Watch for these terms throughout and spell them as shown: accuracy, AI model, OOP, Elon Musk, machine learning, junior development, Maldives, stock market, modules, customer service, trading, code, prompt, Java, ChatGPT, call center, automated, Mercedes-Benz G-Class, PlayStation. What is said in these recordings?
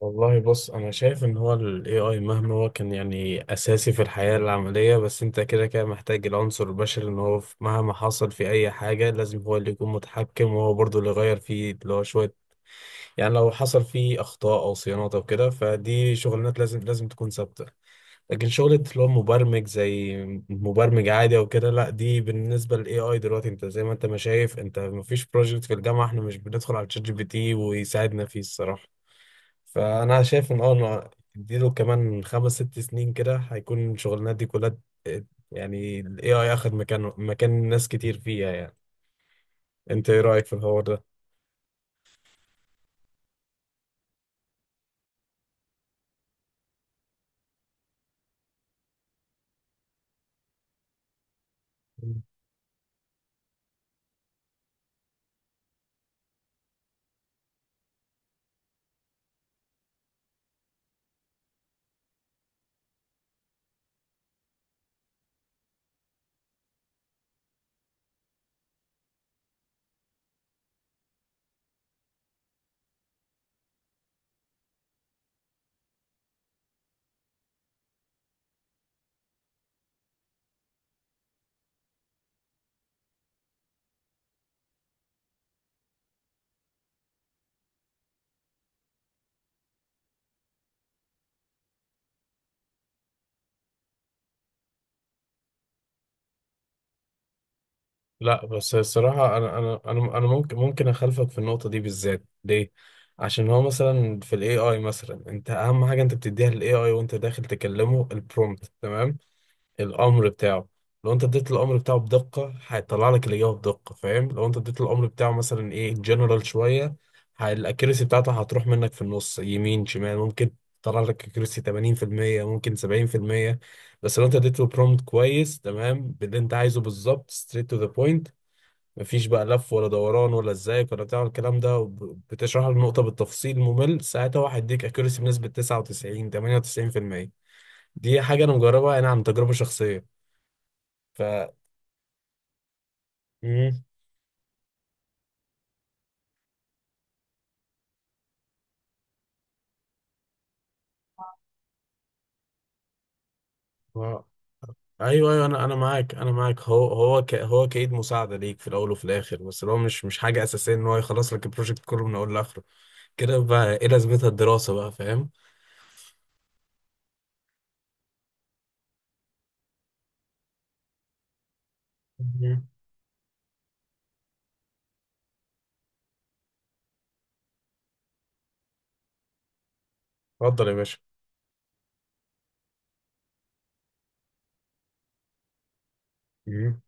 والله بص انا شايف ان هو ال AI مهما هو كان يعني اساسي في الحياة العملية، بس انت كده كده محتاج العنصر البشري. ان هو مهما حصل في اي حاجة، لازم هو اللي يكون متحكم وهو برضه اللي يغير فيه اللي هو شوية. يعني لو حصل فيه اخطاء او صيانات او كده، فدي شغلانات لازم تكون ثابتة. لكن شغلة اللي هو مبرمج زي مبرمج عادي او كده، لا، دي بالنسبة لل AI دلوقتي، انت زي ما انت ما شايف، انت مفيش بروجكت في الجامعة احنا مش بندخل على ChatGPT ويساعدنا فيه الصراحة. فانا شايف ان إنه اديله كمان خمس ست سنين كده، هيكون الشغلانات دي كلها ت- يعني الاي اي اخد مكان ناس كتير فيها يعني. انت ايه رايك في الحوار ده؟ مم. لا، بس الصراحة أنا ممكن أخالفك في النقطة دي بالذات، ليه؟ عشان هو مثلا في ال AI، مثلا أنت أهم حاجة أنت بتديها لل AI وأنت داخل تكلمه البرومبت، تمام؟ الامر بتاعه. لو انت اديت الامر بتاعه بدقه، هيطلع لك الاجابه بدقه، فاهم؟ لو انت اديت الامر بتاعه مثلا ايه جنرال شويه، الاكيرسي بتاعته هتروح منك في النص يمين شمال، ممكن تطلع لك اكيرسي 80%، ممكن 70%. بس لو انت اديته برومبت كويس تمام باللي انت عايزه بالظبط، ستريت تو ذا بوينت، مفيش بقى لف ولا دوران ولا ازيك ولا بتاع الكلام ده، بتشرح له النقطه بالتفصيل ممل، ساعتها هو هيديك اكيرسي بنسبه 99 98%. دي حاجه انا مجربها انا عن تجربه شخصيه. ف مم. آه. ايوه ايوه، انا معاك، انا معاك. هو كايد مساعده ليك في الاول وفي الاخر، بس اللي هو مش حاجه اساسيه ان هو يخلص لك البروجكت كله من اول لاخره. كده بقى ايه لازمتها الدراسه بقى، فاهم؟ مم. اتفضل يا باشا. مم.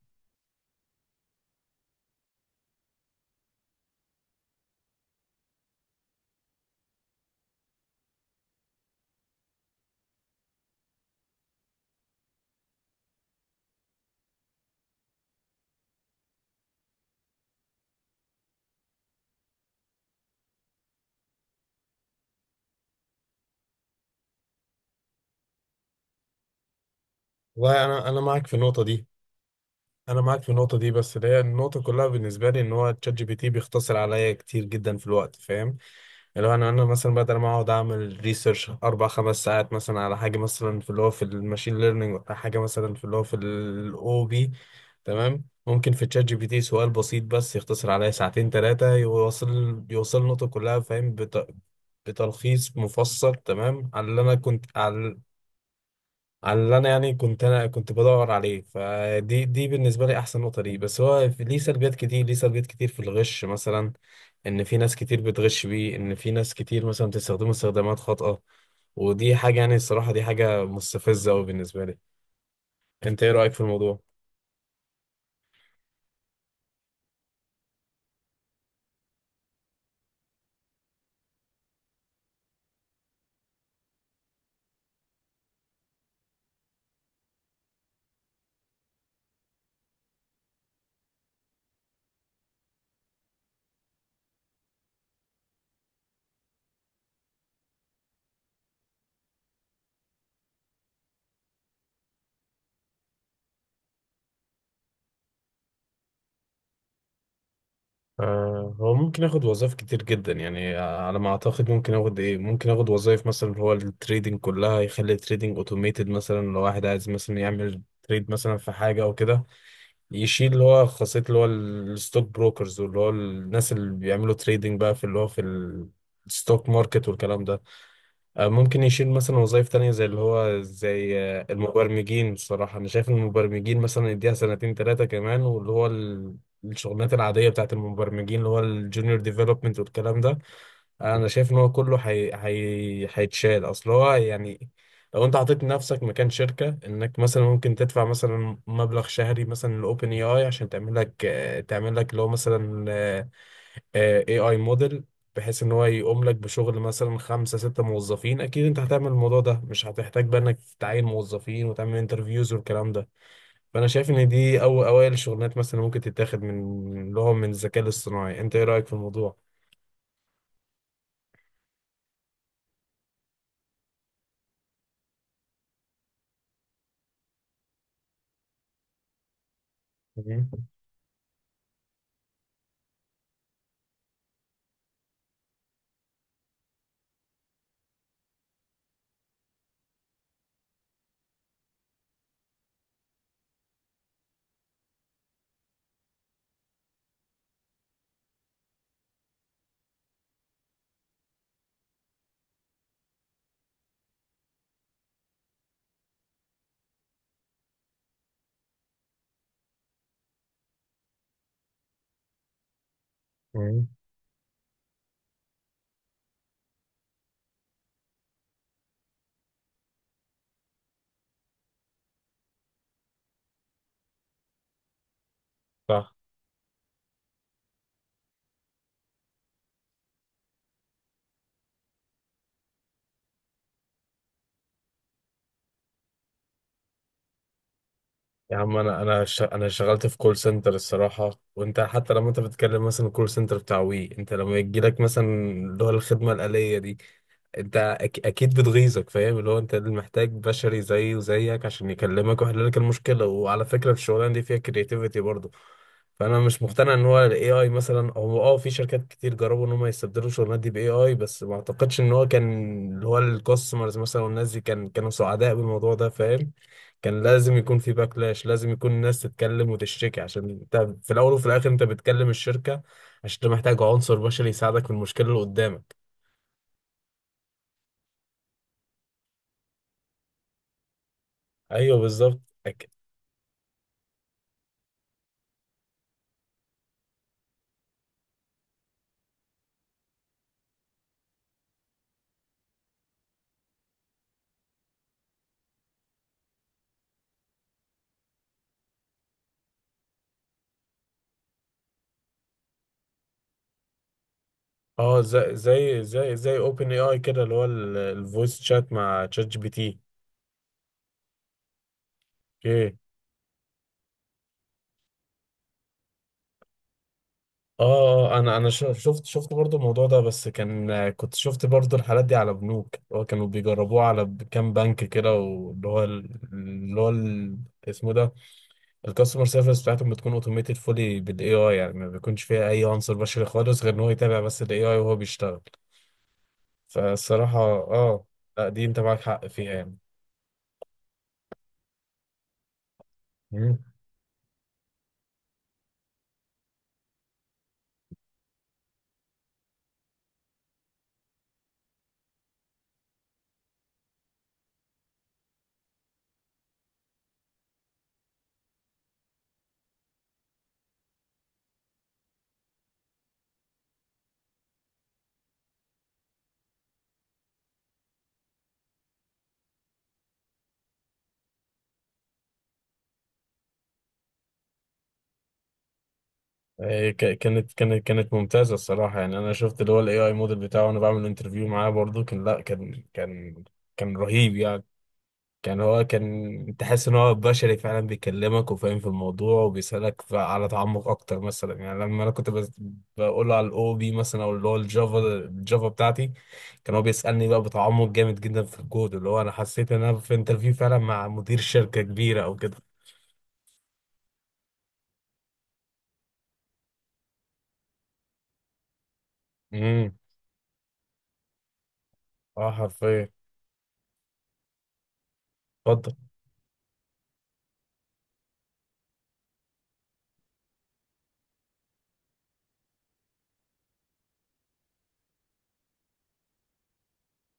والله انا معاك في النقطه دي، انا معاك في النقطه دي، بس اللي هي النقطه كلها بالنسبه لي ان هو تشات جي بي تي بيختصر عليا كتير جدا في الوقت، فاهم؟ لو انا مثلا بدل ما اقعد اعمل ريسيرش اربع خمس ساعات مثلا على حاجه مثلا في اللي هو في الماشين ليرنينج، ولا حاجه مثلا في اللي هو في الاو بي، تمام، ممكن في تشات جي بي تي سؤال بسيط بس يختصر عليا ساعتين ثلاثه، يوصل النقطه كلها، فاهم؟ بتلخيص مفصل تمام على اللي انا كنت، على اللي انا يعني كنت بدور عليه. فدي بالنسبه لي احسن نقطه ليه، بس هو ليه سلبيات كتير في الغش مثلا، ان في ناس كتير بتغش بيه، ان في ناس كتير مثلا بتستخدمه استخدامات خاطئه. ودي حاجه يعني الصراحه دي حاجه مستفزه قوي بالنسبه لي. انت ايه رايك في الموضوع؟ هو ممكن اخد وظائف كتير جدا يعني، على ما اعتقد ممكن اخد ممكن اخد وظائف مثلا اللي هو التريدنج كلها. يخلي التريدنج اوتوميتد مثلا، لو واحد عايز مثلا يعمل تريد مثلا في حاجه او كده. يشيل اللي هو خاصيه اللي هو الستوك بروكرز، واللي هو الناس اللي بيعملوا تريدنج بقى في اللي هو في الستوك ماركت والكلام ده. ممكن يشيل مثلا وظائف تانية زي اللي هو زي المبرمجين. بصراحة أنا شايف إن المبرمجين مثلا يديها سنتين تلاتة كمان، واللي هو الشغلانات العادية بتاعت المبرمجين اللي هو الجونيور ديفلوبمنت والكلام ده. أنا شايف إن هو كله هيتشال، أصل هو يعني لو أنت حطيت نفسك مكان شركة إنك مثلا ممكن تدفع مثلا مبلغ شهري مثلا لأوبن اي آي عشان تعمل لك اللي هو مثلا اي اي موديل، بحيث ان هو يقوم لك بشغل مثلا خمسة ستة موظفين. اكيد انت هتعمل الموضوع ده، مش هتحتاج بقى انك تعين موظفين وتعمل انترفيوز والكلام ده. فانا شايف ان دي او اوائل الشغلانات مثلا ممكن تتاخد من لهم من الذكاء الاصطناعي. انت ايه رأيك في الموضوع؟ مم. مم. صح. يا عم انا شغلت في كول سنتر الصراحه. وانت حتى لما انت بتتكلم مثلا الكول سنتر بتاع وي، انت لما يجي لك مثلا اللي هو الخدمه الاليه دي، انت اكيد بتغيظك، فاهم؟ اللي هو انت اللي محتاج بشري زيه وزيك عشان يكلمك ويحل لك المشكله. وعلى فكره الشغلانه دي فيها كرياتيفيتي برضه. فانا مش مقتنع ان هو الاي اي مثلا. هو في شركات كتير جربوا ان هم يستبدلوا الشغلانات دي باي اي، بس ما اعتقدش ان هو كان اللي هو الكاستمرز مثلا والناس دي كانوا سعداء بالموضوع ده، فاهم؟ كان لازم يكون في باكلاش، لازم يكون الناس تتكلم وتشتكي، عشان انت في الاول وفي الاخر انت بتكلم الشركه عشان انت محتاج عنصر بشري يساعدك في المشكله اللي قدامك. ايوه بالظبط. أك- اه زي اوبن اي اي كده اللي هو الفويس شات مع تشات جي بي تي. اوكي. اه. انا شفت برضو الموضوع ده، بس كنت شفت برضو الحالات دي على بنوك اللي هو كانوا بيجربوه على كام بنك كده، واللي هو اسمه ده الكاستمر سيرفيس بتاعتهم بتكون اوتوميتد فولي بالاي اي، يعني ما بيكونش فيها اي عنصر بشري خالص، غير ان هو يتابع بس الاي اي وهو بيشتغل. فالصراحه لا، دي انت معاك حق فيها يعني. مم. إيه، كانت ممتازه الصراحه يعني. انا شفت اللي هو الاي اي موديل بتاعه وانا بعمل انترفيو معاه برضه، كان لا كان رهيب يعني. كان هو كان تحس ان هو بشري فعلا بيكلمك وفاهم في الموضوع، وبيسألك على تعمق اكتر مثلا. يعني لما انا كنت بقول على الاو بي مثلا، او اللي هو الجافا بتاعتي، كان هو بيسألني بقى بتعمق جامد جدا في الكود، اللي هو انا حسيت ان انا في انترفيو فعلا مع مدير شركة كبيرة او كده. امم. اه حرفيا. اتفضل.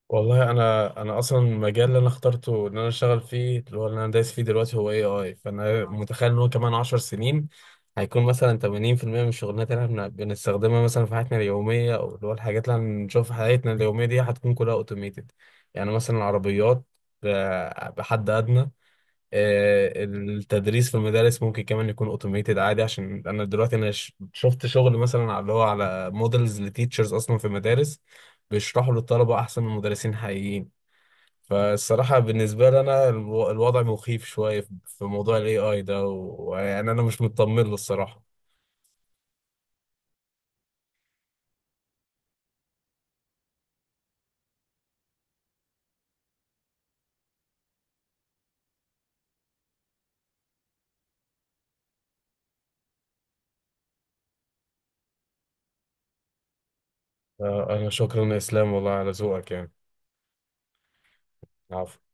والله انا اصلا المجال اللي انا اخترته ان انا اشتغل فيه اللي هو اللي انا دايس فيه دلوقتي هو اي اي، فانا متخيل ان هو كمان 10 سنين هيكون مثلا 80% من الشغلانات اللي احنا بنستخدمها مثلا في حياتنا اليوميه، او اللي هو الحاجات اللي هنشوفها في حياتنا اليوميه دي هتكون كلها اوتوميتد. يعني مثلا العربيات، بحد ادنى. التدريس في المدارس ممكن كمان يكون اوتوميتد عادي، عشان انا دلوقتي انا شفت شغل مثلا اللي هو على مودلز لتيتشرز اصلا في المدارس بيشرحوا للطلبه احسن من مدرسين حقيقيين. فالصراحه بالنسبه لي انا الوضع مخيف شويه في موضوع الاي اي ده، ويعني انا مش مطمن له الصراحه. انا شكرا يا اسلام والله على ذوقك يعني. عفوا.